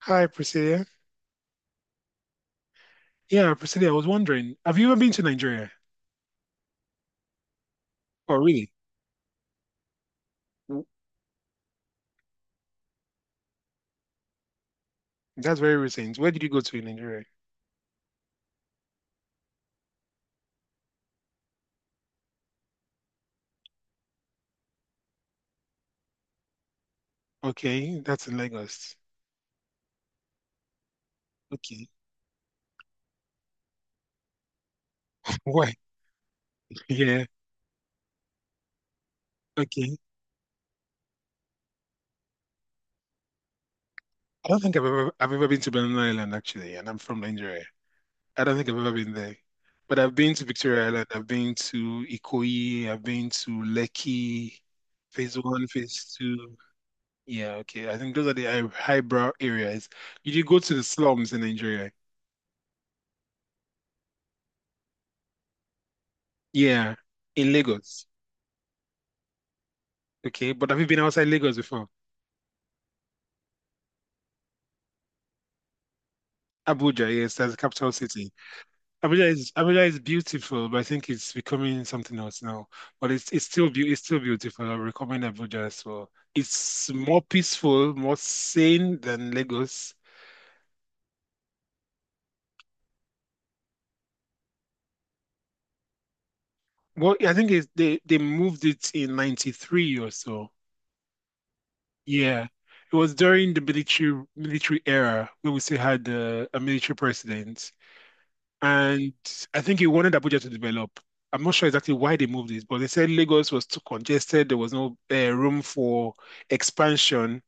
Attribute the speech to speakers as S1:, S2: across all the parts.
S1: Hi, Priscilla. Yeah, Priscilla, I was wondering, have you ever been to Nigeria? Oh, really? W- That's very recent. Where did you go to in Nigeria? Okay, that's in Lagos. Okay. Why? Yeah, okay. I don't think I've ever been to Banana Island actually, and I'm from Nigeria. I don't think I've ever been there. But I've been to Victoria Island, I've been to Ikoyi, I've been to Lekki, phase one, phase two. Yeah, okay. I think those are the high highbrow areas. Did you go to the slums in Nigeria? Yeah, in Lagos. Okay, but have you been outside Lagos before? Abuja, yes, that's the capital city. Abuja is beautiful, but I think it's becoming something else now. But it's still beautiful. I recommend Abuja as well. It's more peaceful, more sane than Lagos. Well, I think it's, they moved it in '93 or so. Yeah, it was during the military era where we still had a military president. And I think he wanted Abuja to develop. I'm not sure exactly why they moved it, but they said Lagos was too congested. There was no room for expansion,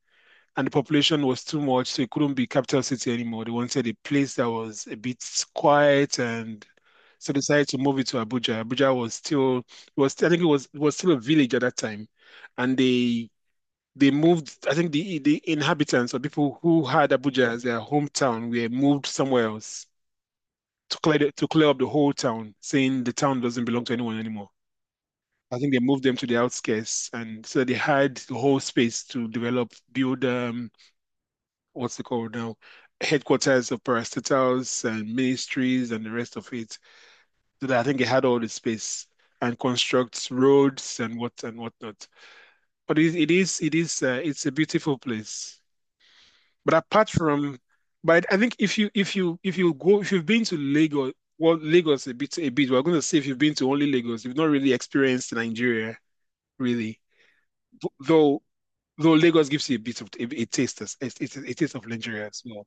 S1: and the population was too much, so it couldn't be capital city anymore. They wanted a place that was a bit quiet, and so they decided to move it to Abuja. Abuja was still it was I think it was still a village at that time, and they moved. I think the inhabitants or people who had Abuja as their hometown were moved somewhere else to clear up the whole town, saying the town doesn't belong to anyone anymore. I think they moved them to the outskirts, and so they had the whole space to develop, build what's it called now, headquarters of parastatals and ministries and the rest of it. So that I think they had all the space and construct roads and whatnot. But it is it's a beautiful place. But apart from, but I think if you if you if you go if you've been to Lagos, well, Lagos a bit. We're going to say if you've been to only Lagos, you've not really experienced Nigeria really. Th- Though though Lagos gives you a bit of a taste as a taste of Nigeria as well.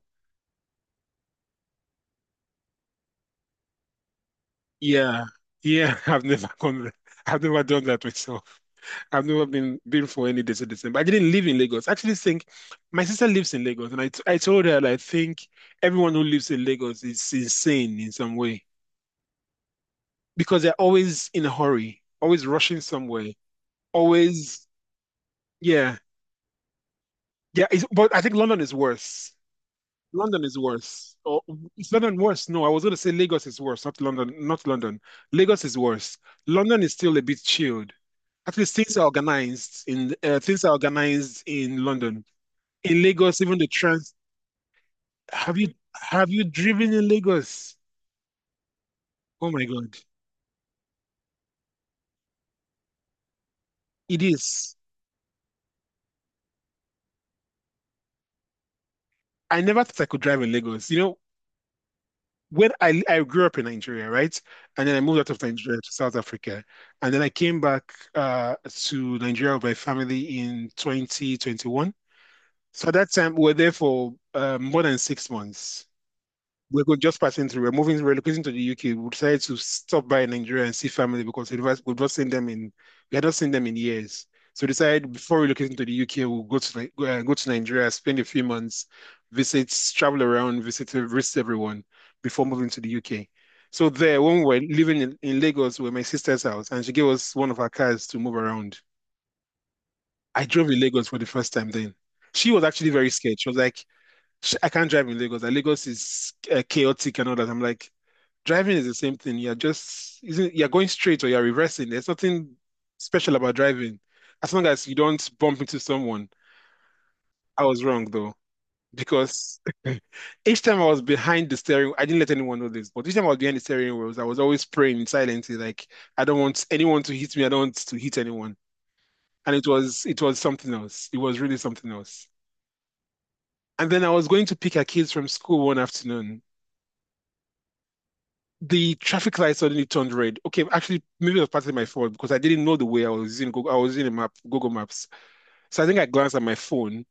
S1: Yeah, yeah. I've never gone there. I've never done that myself. I've never been for any desert December. I didn't live in Lagos. I actually think my sister lives in Lagos, and I told her that I think everyone who lives in Lagos is insane in some way, because they're always in a hurry, always rushing somewhere, always, yeah, yeah. But I think London is worse. London is worse. Or is London worse? No, I was going to say Lagos is worse, not London, not London. Lagos is worse. London is still a bit chilled. At least things are organized in London. In Lagos, even the trans. Have you have you driven in Lagos? Oh my God, it is. I never thought I could drive in Lagos. You know, when I grew up in Nigeria, right? And then I moved out of Nigeria to South Africa. And then I came back to Nigeria with my family in 2021. So at that time we were there for more than 6 months. We were just passing through. We're moving, relocating to the UK. We decided to stop by in Nigeria and see family because we had not seen them in years. So we decided before relocating to the UK, we'll go to Nigeria, spend a few months, visit, travel around, visit everyone before moving to the UK. So there, when we were living in Lagos, we were my sister's house, and she gave us one of her cars to move around. I drove in Lagos for the first time then. She was actually very scared. She was like, I can't drive in Lagos. Like, Lagos is chaotic and all that. I'm like, driving is the same thing. You're just isn't you're going straight or you're reversing. There's nothing special about driving, as long as you don't bump into someone. I was wrong though, because each time I was behind the steering, I didn't let anyone know this, but each time I was behind the steering wheels, I was always praying silently, like I don't want anyone to hit me. I don't want to hit anyone. And it was something else. It was really something else. And then I was going to pick her kids from school one afternoon. The traffic light suddenly turned red. Okay, actually, maybe it was partly my fault because I didn't know the way. I was using Google. I was using a map, Google Maps. So I think I glanced at my phone,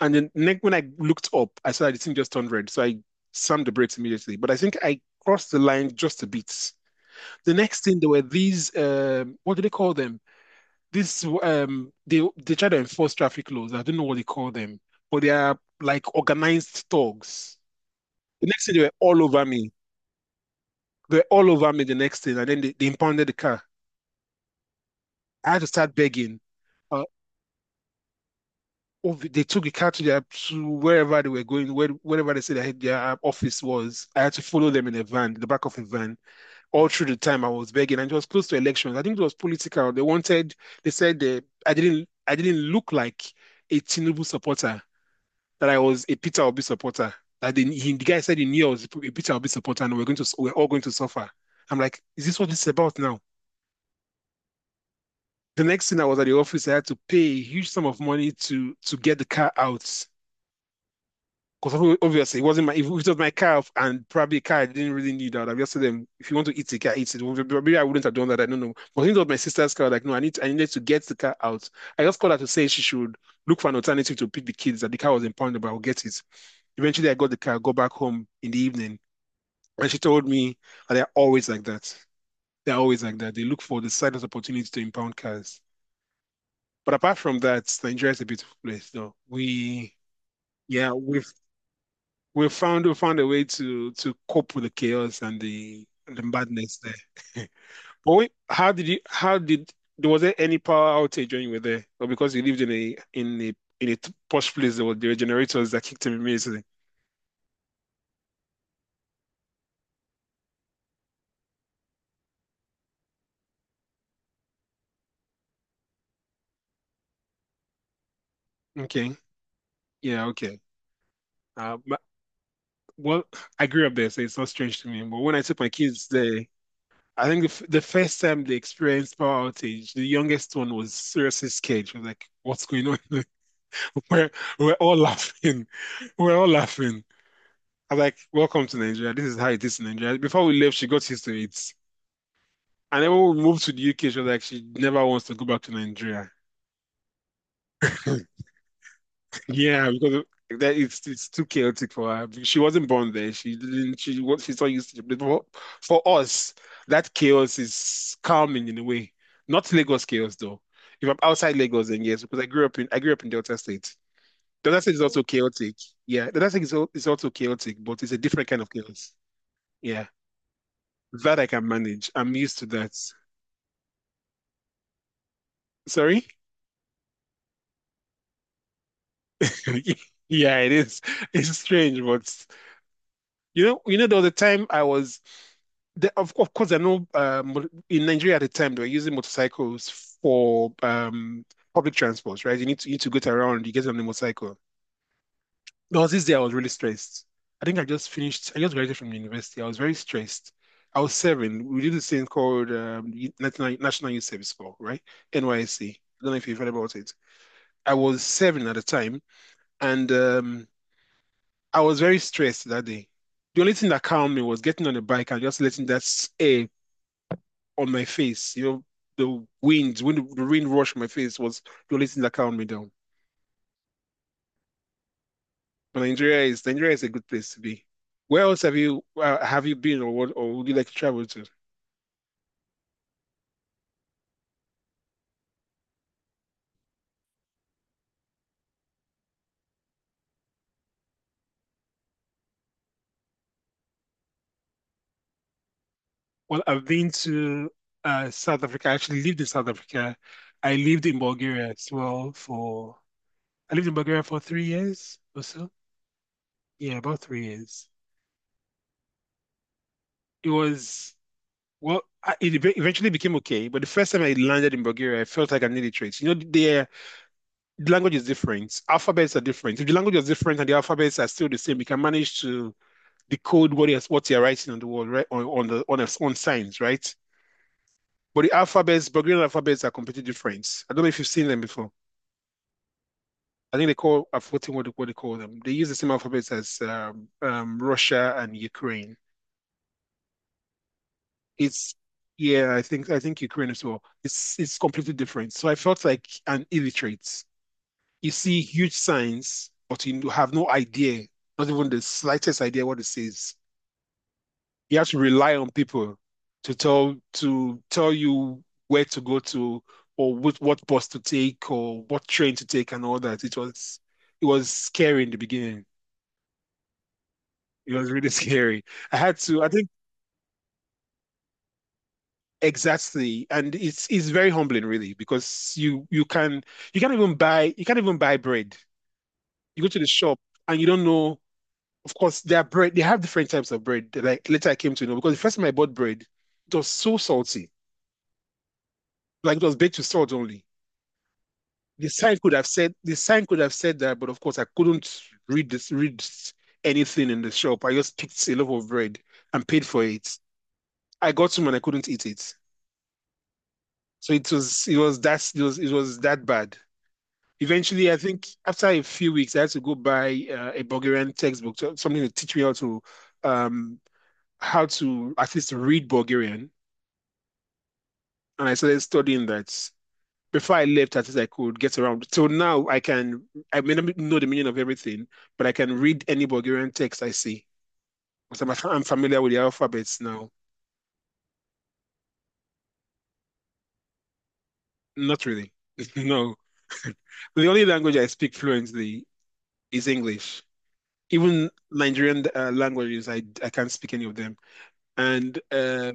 S1: and then next when I looked up, I saw that the thing just turned red. So I slammed the brakes immediately. But I think I crossed the line just a bit. The next thing there were these what do they call them? This they try to enforce traffic laws. I don't know what they call them, but they are like organized thugs. The next thing they were all over me. They were all over me the next thing, and then they impounded the car. I had to start begging. Uh, they took the car to their to wherever they were going, wherever they said their office was. I had to follow them in a van, the back of a van, all through the time I was begging. And it was close to elections. I think it was political. They wanted. They said they, I didn't. I didn't look like a Tinubu supporter. That I was a Peter Obi supporter. That the guy said he knew I was a Peter Obi supporter, and we're all going to suffer. I'm like, is this what this is about now? The next thing I was at the office, I had to pay a huge sum of money to get the car out. Because obviously, it wasn't my, if it was my car and probably a car I didn't really need, I would have just told them, if you want to eat the car, eat it. Maybe I wouldn't have done that. I don't know. But since it was my sister's car, like, no, I needed to get the car out. I just called her to say she should look for an alternative to pick the kids, that the car was impounded, but I'll get it. Eventually, I got the car, go back home in the evening, and she told me, and they're always like that. They're always like that. They look for the slightest opportunity to impound cars. But apart from that, Nigeria is a beautiful place, though. Yeah, we found a way to cope with the chaos and the madness there. But wait, how did there was there any power outage when you were there? Or because you lived in a posh place there were generators that kicked in immediately. Okay. Yeah, okay. Uh, but, well, I grew up there, so it's not strange to me. But when I took my kids there, I think the first time they experienced power outage, the youngest one was seriously scared. She was like, "What's going on?" We're we're all laughing. We're all laughing. I'm like, welcome to Nigeria. This is how it is in Nigeria. Before we left, she got used to it. And then when we moved to the UK, she was like, she never wants to go back to Nigeria. Yeah, because that it's too chaotic for her. She wasn't born there. She didn't. She what she's not used to it. But for us, that chaos is calming in a way. Not Lagos chaos though. If I'm outside Lagos, then yes, because I grew up in Delta State. Delta State is also chaotic. Yeah, Delta State is also chaotic, but it's a different kind of chaos. Yeah. That I can manage. I'm used to that. Sorry? Yeah, it is. It's strange, but there was a time I was of course, I know in Nigeria at the time they were using motorcycles for public transport, right? You need to get around, you get on the motorcycle. There was this day I was really stressed. I think I just finished, I just graduated from university. I was very stressed. I was serving. We did this thing called National Youth Service Corps, right? NYSC. Don't know if you've heard about it. I was 7 at the time, and I was very stressed that day. The only thing that calmed me was getting on the bike and just letting air on my face. You know, the wind, when the wind rushed my face was the only thing that calmed me down. But Nigeria is a good place to be. Where else have you been, or would you like to travel to? Well, I've been to South Africa. I actually lived in South Africa. I lived in Bulgaria as well for, I lived in Bulgaria for 3 years or so. Yeah, about 3 years. It was, well, eventually became okay. But the first time I landed in Bulgaria, I felt like an illiterate. You know, the language is different. Alphabets are different. If the language is different and the alphabets are still the same, you can manage to decode what you're writing on the wall, right? On signs, right? But the alphabets, Bulgarian alphabets are completely different. I don't know if you've seen them before. I think they call, I've forgotten what, they- What they call them, they use the same alphabets as Russia and Ukraine. It's, yeah, I think Ukraine as well. It's completely different. So I felt like an illiterate. You see huge signs, but you have no idea, not even the slightest idea what it says. You have to rely on people to tell you where to go to, or what bus to take or what train to take and all that. It was scary in the beginning. It was really scary. I had to, I think. Exactly. And it's very humbling really, because you can you can't even buy bread. You go to the shop and you don't know. Of course, their bread they have different types of bread. Like later I came to know, because the first time I bought bread, it was so salty. Like it was baked with salt only. The sign could have said that, but of course I couldn't read anything in the shop. I just picked a loaf of bread and paid for it. I got home and I couldn't eat it. So it was, it was that it was that bad. Eventually, I think after a few weeks, I had to go buy a Bulgarian textbook, something to teach me um, how to at least read Bulgarian. And I started studying that. Before I left, at least I could get around. So now I can, I may not know the meaning of everything, but I can read any Bulgarian text I see. Because I'm familiar with the alphabets now. Not really. No. The only language I speak fluently is English. Even Nigerian languages, I can't speak any of them. And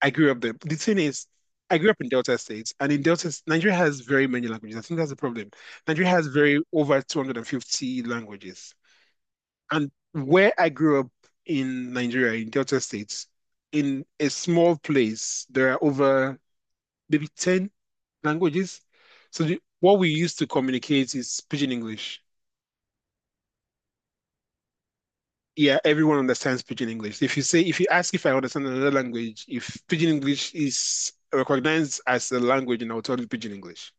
S1: I grew up there. The thing is, I grew up in Delta State, and in Delta, Nigeria has very many languages. I think that's the problem. Nigeria has very over 250 languages. And where I grew up in Nigeria, in Delta States, in a small place, there are over maybe 10 languages. So what we used to communicate is Pidgin English. Yeah, everyone understands Pidgin English. If you ask if I understand another language, if Pidgin English is recognized as a language, then I'll tell you Pidgin English.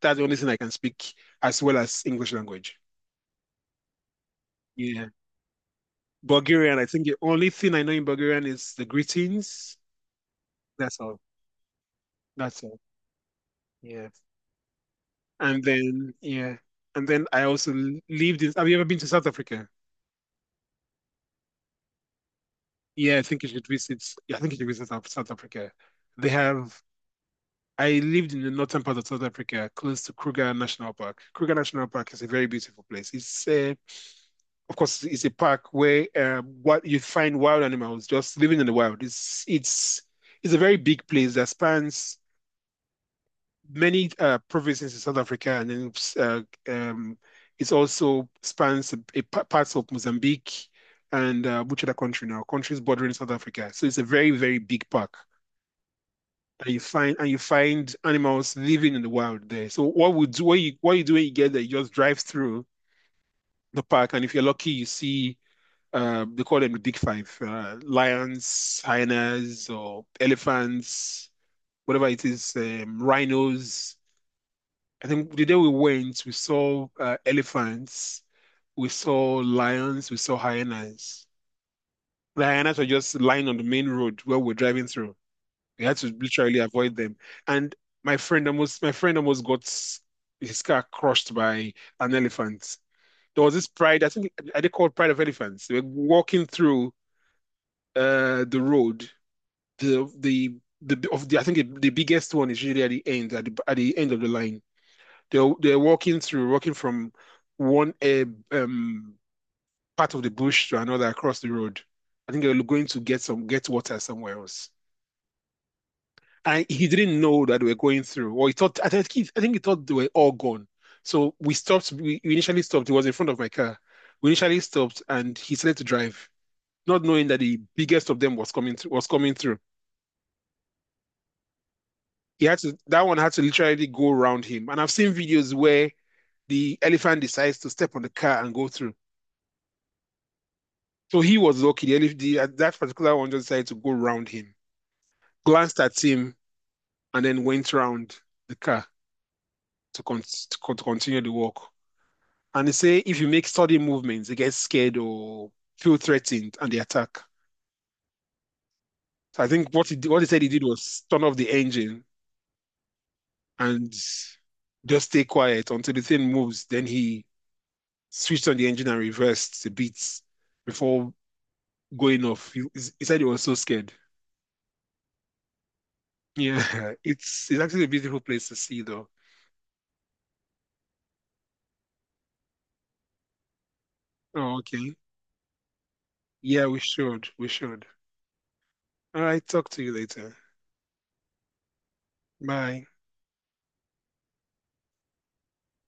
S1: That's the only thing I can speak, as well as English language. Yeah. Bulgarian, I think the only thing I know in Bulgarian is the greetings. That's all. That's all. Yeah. And then, yeah. And then I also lived in — have you ever been to South Africa? Yeah, I think you should visit. Yeah, I think you should visit South Africa. They have — I lived in the northern part of South Africa, close to Kruger National Park. Kruger National Park is a very beautiful place. It's, of course, it's a park where what you find wild animals just living in the wild. It's it's a very big place that spans many provinces in South Africa, and then uh, um, it also spans a parts of Mozambique and which other country now? Countries bordering South Africa. So it's a very very big park. And you find animals living in the wild there. So what you do when you get there, you just drive through the park, and if you're lucky, you see they call them the big five: lions, hyenas, or elephants, whatever it is, rhinos. I think the day we went, we saw elephants, we saw lions, we saw hyenas. The hyenas were just lying on the main road where we're driving through. We had to literally avoid them. And my friend almost got his car crushed by an elephant. There was this pride — I think, are they called pride of elephants? They were walking through the road. The of the I think The biggest one is usually at the end of the line. They're walking through, walking from one um part of the bush to another across the road. I think they were going to get water somewhere else. And he didn't know that we were going through. Or he thought, I think he thought they were all gone. So we stopped. We initially stopped. He was in front of my car. We initially stopped, and he started to drive, not knowing that the biggest of them was coming through. Was coming through. He had to. That one had to literally go around him. And I've seen videos where the elephant decides to step on the car and go through. So he was lucky. The, elef- the That particular one just decided to go around him, glanced at him, and then went around the car to continue the walk. And they say if you make sudden movements, they get scared or feel threatened and they attack. So I think what he said he did was turn off the engine and just stay quiet until the thing moves. Then he switched on the engine and reversed the beats before going off. He said he was so scared. Yeah, it's actually a beautiful place to see though. Oh, okay. Yeah, we should. We should. All right, talk to you later. Bye.